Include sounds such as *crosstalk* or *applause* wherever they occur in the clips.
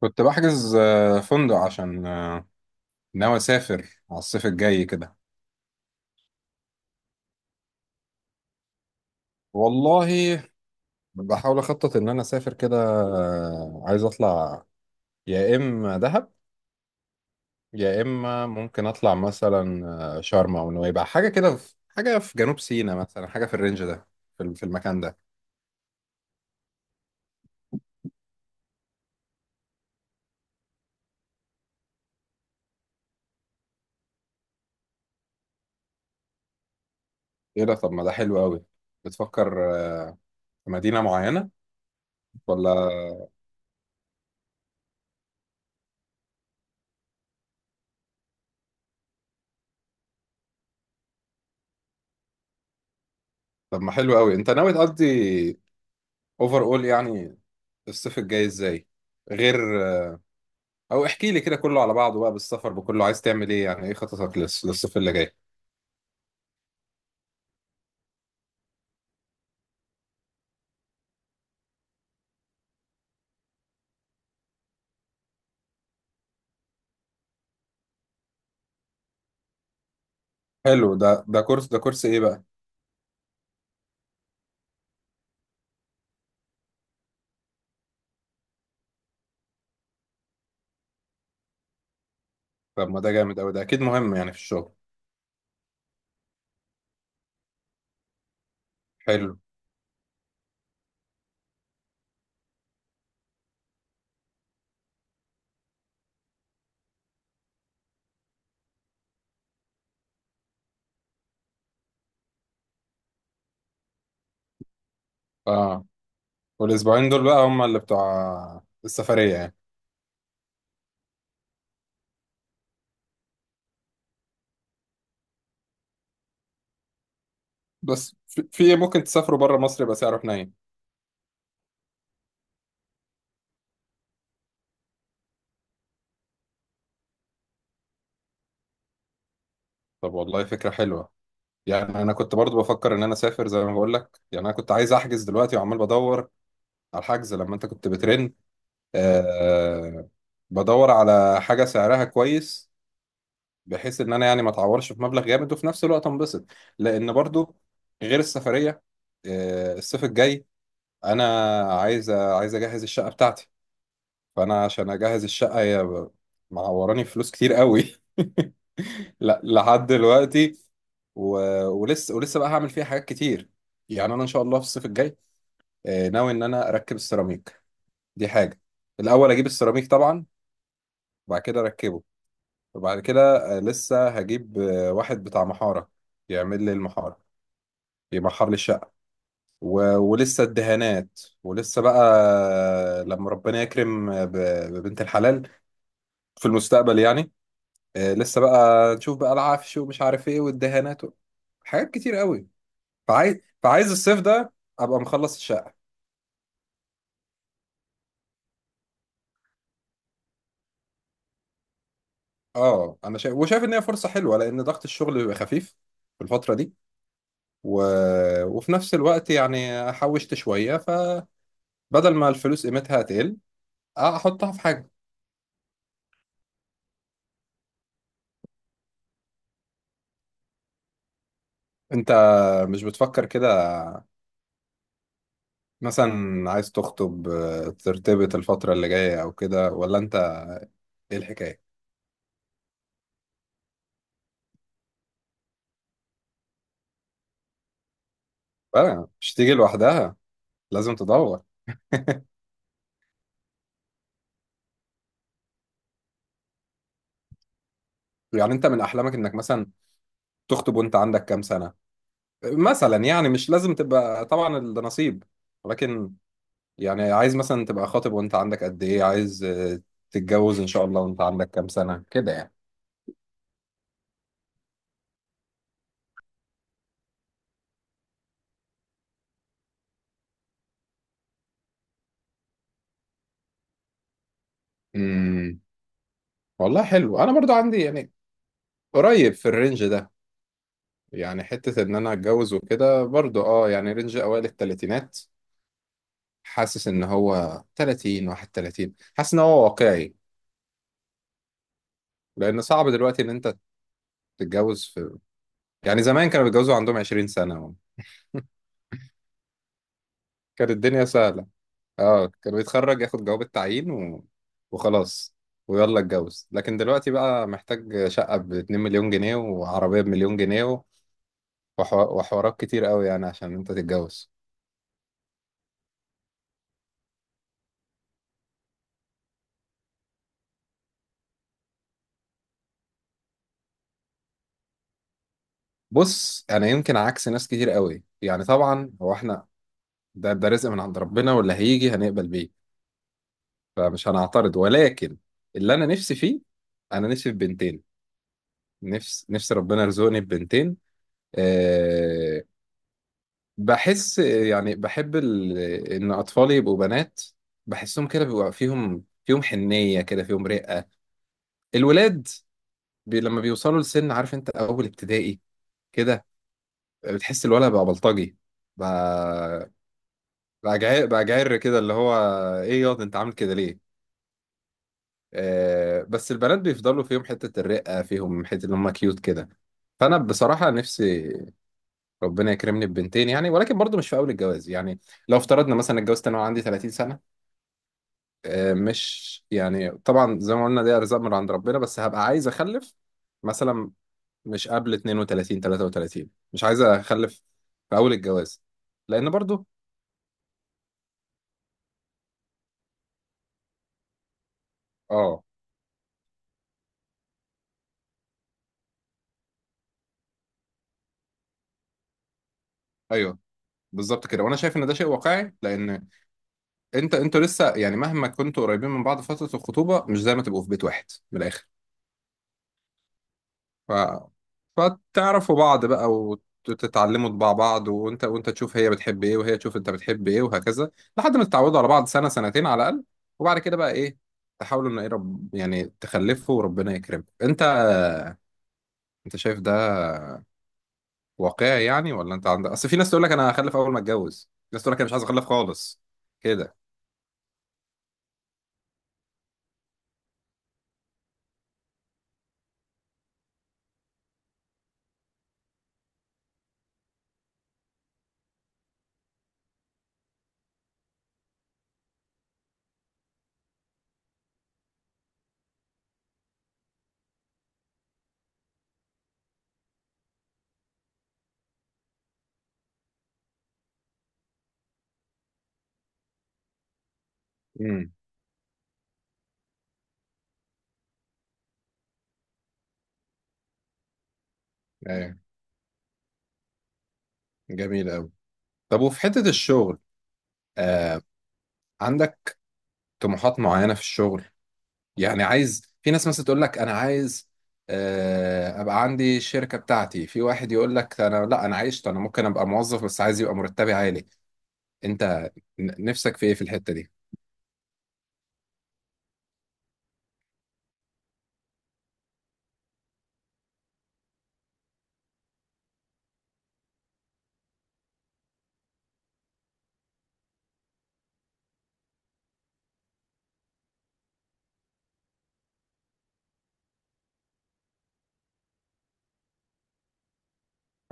كنت بحجز فندق عشان ناوي اسافر على الصيف الجاي كده. والله بحاول اخطط ان انا اسافر كده، عايز اطلع، يا اما دهب يا اما ممكن اطلع مثلا شرم او نويبع، حاجه كده في حاجه في جنوب سيناء مثلا، حاجه في الرينج ده، في المكان ده. ايه ده؟ طب ما ده حلو قوي. بتفكر في مدينه معينه ولا؟ طب ما حلو قوي، انت ناوي تقضي اوفر اول يعني الصيف الجاي ازاي؟ غير، او احكي لي كده كله على بعضه بقى، بالسفر بكله عايز تعمل ايه؟ يعني ايه خططك للصيف اللي جاي؟ حلو. ده كورس ايه بقى؟ طب ما ده جامد قوي، ده اكيد مهم يعني في الشغل. حلو. اه، والاسبوعين دول بقى هم اللي بتوع السفرية يعني؟ بس في إيه، ممكن تسافروا بره مصر يبقى سعره حنين؟ طب والله فكرة حلوة. يعني انا كنت برضو بفكر ان انا اسافر زي ما بقول لك، يعني انا كنت عايز احجز دلوقتي وعمال بدور على الحجز لما انت كنت بترن. آه بدور على حاجة سعرها كويس، بحيث ان انا يعني ما اتعورش في مبلغ جامد وفي نفس الوقت انبسط. لان برضو غير السفريه، الصيف الجاي انا عايز اجهز الشقه بتاعتي. فانا عشان اجهز الشقه هي معوراني فلوس كتير قوي. *laughs* لا لحد دلوقتي. و... ولسه بقى هعمل فيها حاجات كتير. يعني انا ان شاء الله في الصيف الجاي ناوي ان انا اركب السيراميك. دي حاجه. الاول اجيب السيراميك طبعا، وبعد كده اركبه. وبعد كده لسه هجيب واحد بتاع محارة، يعمل لي المحارة، يمحر لي الشقة. ولسه الدهانات، ولسه بقى لما ربنا يكرم ببنت الحلال في المستقبل يعني. لسه بقى نشوف بقى العفش ومش عارف ايه والدهانات حاجات كتير قوي. فعايز فعايز الصيف ده ابقى مخلص الشقة. اه، انا شايف، وشايف ان هي فرصة حلوة لان ضغط الشغل بيبقى خفيف في الفترة دي، و... وفي نفس الوقت يعني حوشت شوية، ف بدل ما الفلوس قيمتها تقل احطها في حاجة. انت مش بتفكر كده؟ مثلا عايز تخطب، ترتبط الفترة اللي جاية او كده، ولا انت ايه الحكاية؟ بقى مش تيجي لوحدها، لازم تدور. يعني انت من احلامك انك مثلا تخطب وانت عندك كام سنة مثلا يعني؟ مش لازم تبقى، طبعا ده نصيب، ولكن يعني عايز مثلا تبقى خاطب وانت عندك قد ايه، عايز تتجوز ان شاء الله وانت عندك كام سنة كده يعني؟ امم، والله حلو. انا برضو عندي يعني قريب في الرينج ده. يعني حتة إن أنا أتجوز وكده برضو، أه يعني رينج أوائل التلاتينات. حاسس إن هو تلاتين، واحد تلاتين، حاسس إن هو واقعي. لأن صعب دلوقتي إن أنت تتجوز في، يعني زمان كانوا بيتجوزوا عندهم عشرين سنة *laughs* كانت الدنيا سهلة. أه، كان بيتخرج ياخد جواب التعيين وخلاص. ويلا اتجوز. لكن دلوقتي بقى محتاج شقة باتنين مليون جنيه وعربية بمليون جنيه وحوارات كتير قوي يعني عشان أنت تتجوز. بص، انا يمكن عكس ناس كتير قوي، يعني طبعا هو احنا ده، ده رزق من عند ربنا واللي هيجي هنقبل بيه. فمش هنعترض، ولكن اللي انا نفسي فيه، انا نفسي في بنتين. نفسي ربنا يرزقني ببنتين. أه، بحس يعني بحب ان اطفالي يبقوا بنات. بحسهم كده بيبقى فيهم حنية كده، فيهم رقة. الولاد لما بيوصلوا لسن، عارف انت اول ابتدائي كده، بتحس الولد بقى بلطجي بقى. جعر كده، اللي هو ايه ياض انت عامل كده ليه؟ بس البنات بيفضلوا فيهم حتة الرقة، فيهم حتة ان هم كيوت كده. فانا بصراحة نفسي ربنا يكرمني ببنتين يعني، ولكن برضو مش في اول الجواز يعني. لو افترضنا مثلا اتجوزت انا وعندي 30 سنة، مش يعني طبعا زي ما قلنا ده ارزاق من عند ربنا، بس هبقى عايز اخلف مثلا مش قبل 32 33. مش عايز اخلف في اول الجواز لان برضو. اه، ايوه، بالظبط كده. وانا شايف ان ده شيء واقعي، لان انت، انتوا لسه يعني مهما كنتوا قريبين من بعض، فترة الخطوبة مش زي ما تبقوا في بيت واحد، من الآخر. ف... فتعرفوا بعض بقى، وتتعلموا طباع بعض، وانت تشوف هي بتحب ايه، وهي تشوف انت بتحب ايه، وهكذا، لحد ما تتعودوا على بعض سنة سنتين على الأقل. وبعد كده بقى ايه، تحاولوا ان ايه يعني تخلفوا وربنا يكرمكم. انت، انت شايف ده واقعي يعني ولا؟ انت عندك اصل، في ناس تقول لك انا هخلف اول ما اتجوز، في ناس تقول لك انا مش عايز اخلف خالص كده. امم، ايوه، جميل قوي. طب وفي حتة الشغل، آه... عندك طموحات معينة في الشغل؟ يعني عايز، في ناس مثلا تقول لك أنا عايز أبقى عندي الشركة بتاعتي، في واحد يقول لك أنا لا أنا عايشت، أنا ممكن أبقى موظف بس عايز يبقى مرتبي عالي. أنت نفسك في إيه في الحتة دي؟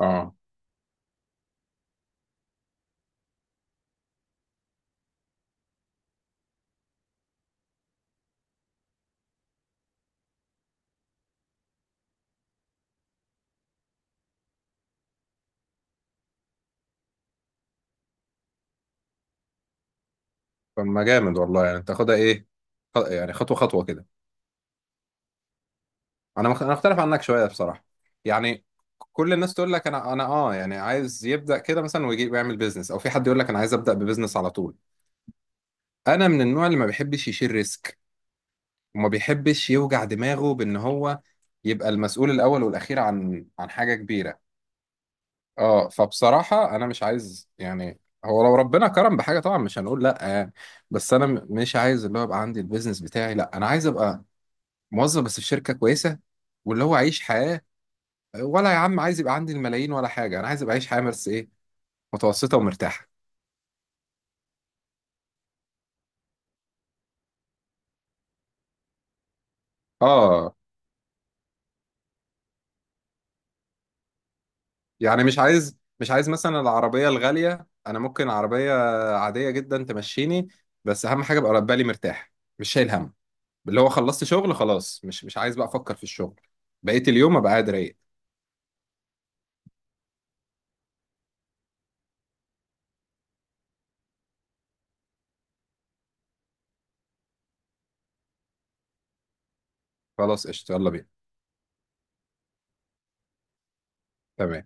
آه، طب ما جامد والله. يعني تاخدها إيه، يعني خطوة خطوة كده. أنا أنا أختلف عنك شوية بصراحة. يعني كل الناس تقول لك أنا آه يعني عايز يبدأ كده مثلا ويجي يعمل بيزنس، أو في حد يقول لك أنا عايز أبدأ ببيزنس على طول. أنا من النوع اللي ما بيحبش يشيل ريسك، وما بيحبش يوجع دماغه بان هو يبقى المسؤول الاول والاخير عن حاجه كبيره. اه، فبصراحه انا مش عايز يعني. هو لو ربنا كرم بحاجه طبعا مش هنقول لا يعني، بس انا مش عايز اللي هو يبقى عندي البيزنس بتاعي. لا، انا عايز ابقى موظف بس في شركه كويسه، واللي هو اعيش حياه. ولا يا عم عايز يبقى عندي الملايين ولا حاجه، انا عايز ابقى اعيش حياه بس ايه، متوسطه ومرتاحه. اه، يعني مش عايز، مثلا العربية الغالية. أنا ممكن عربية عادية جدا تمشيني، بس أهم حاجة أبقى بالي مرتاح، مش شايل هم. اللي هو خلصت شغل خلاص، مش عايز بقى أفكر في الشغل، بقيت اليوم أبقى قاعد رايق. خلاص قشطة، يلا بينا. تمام.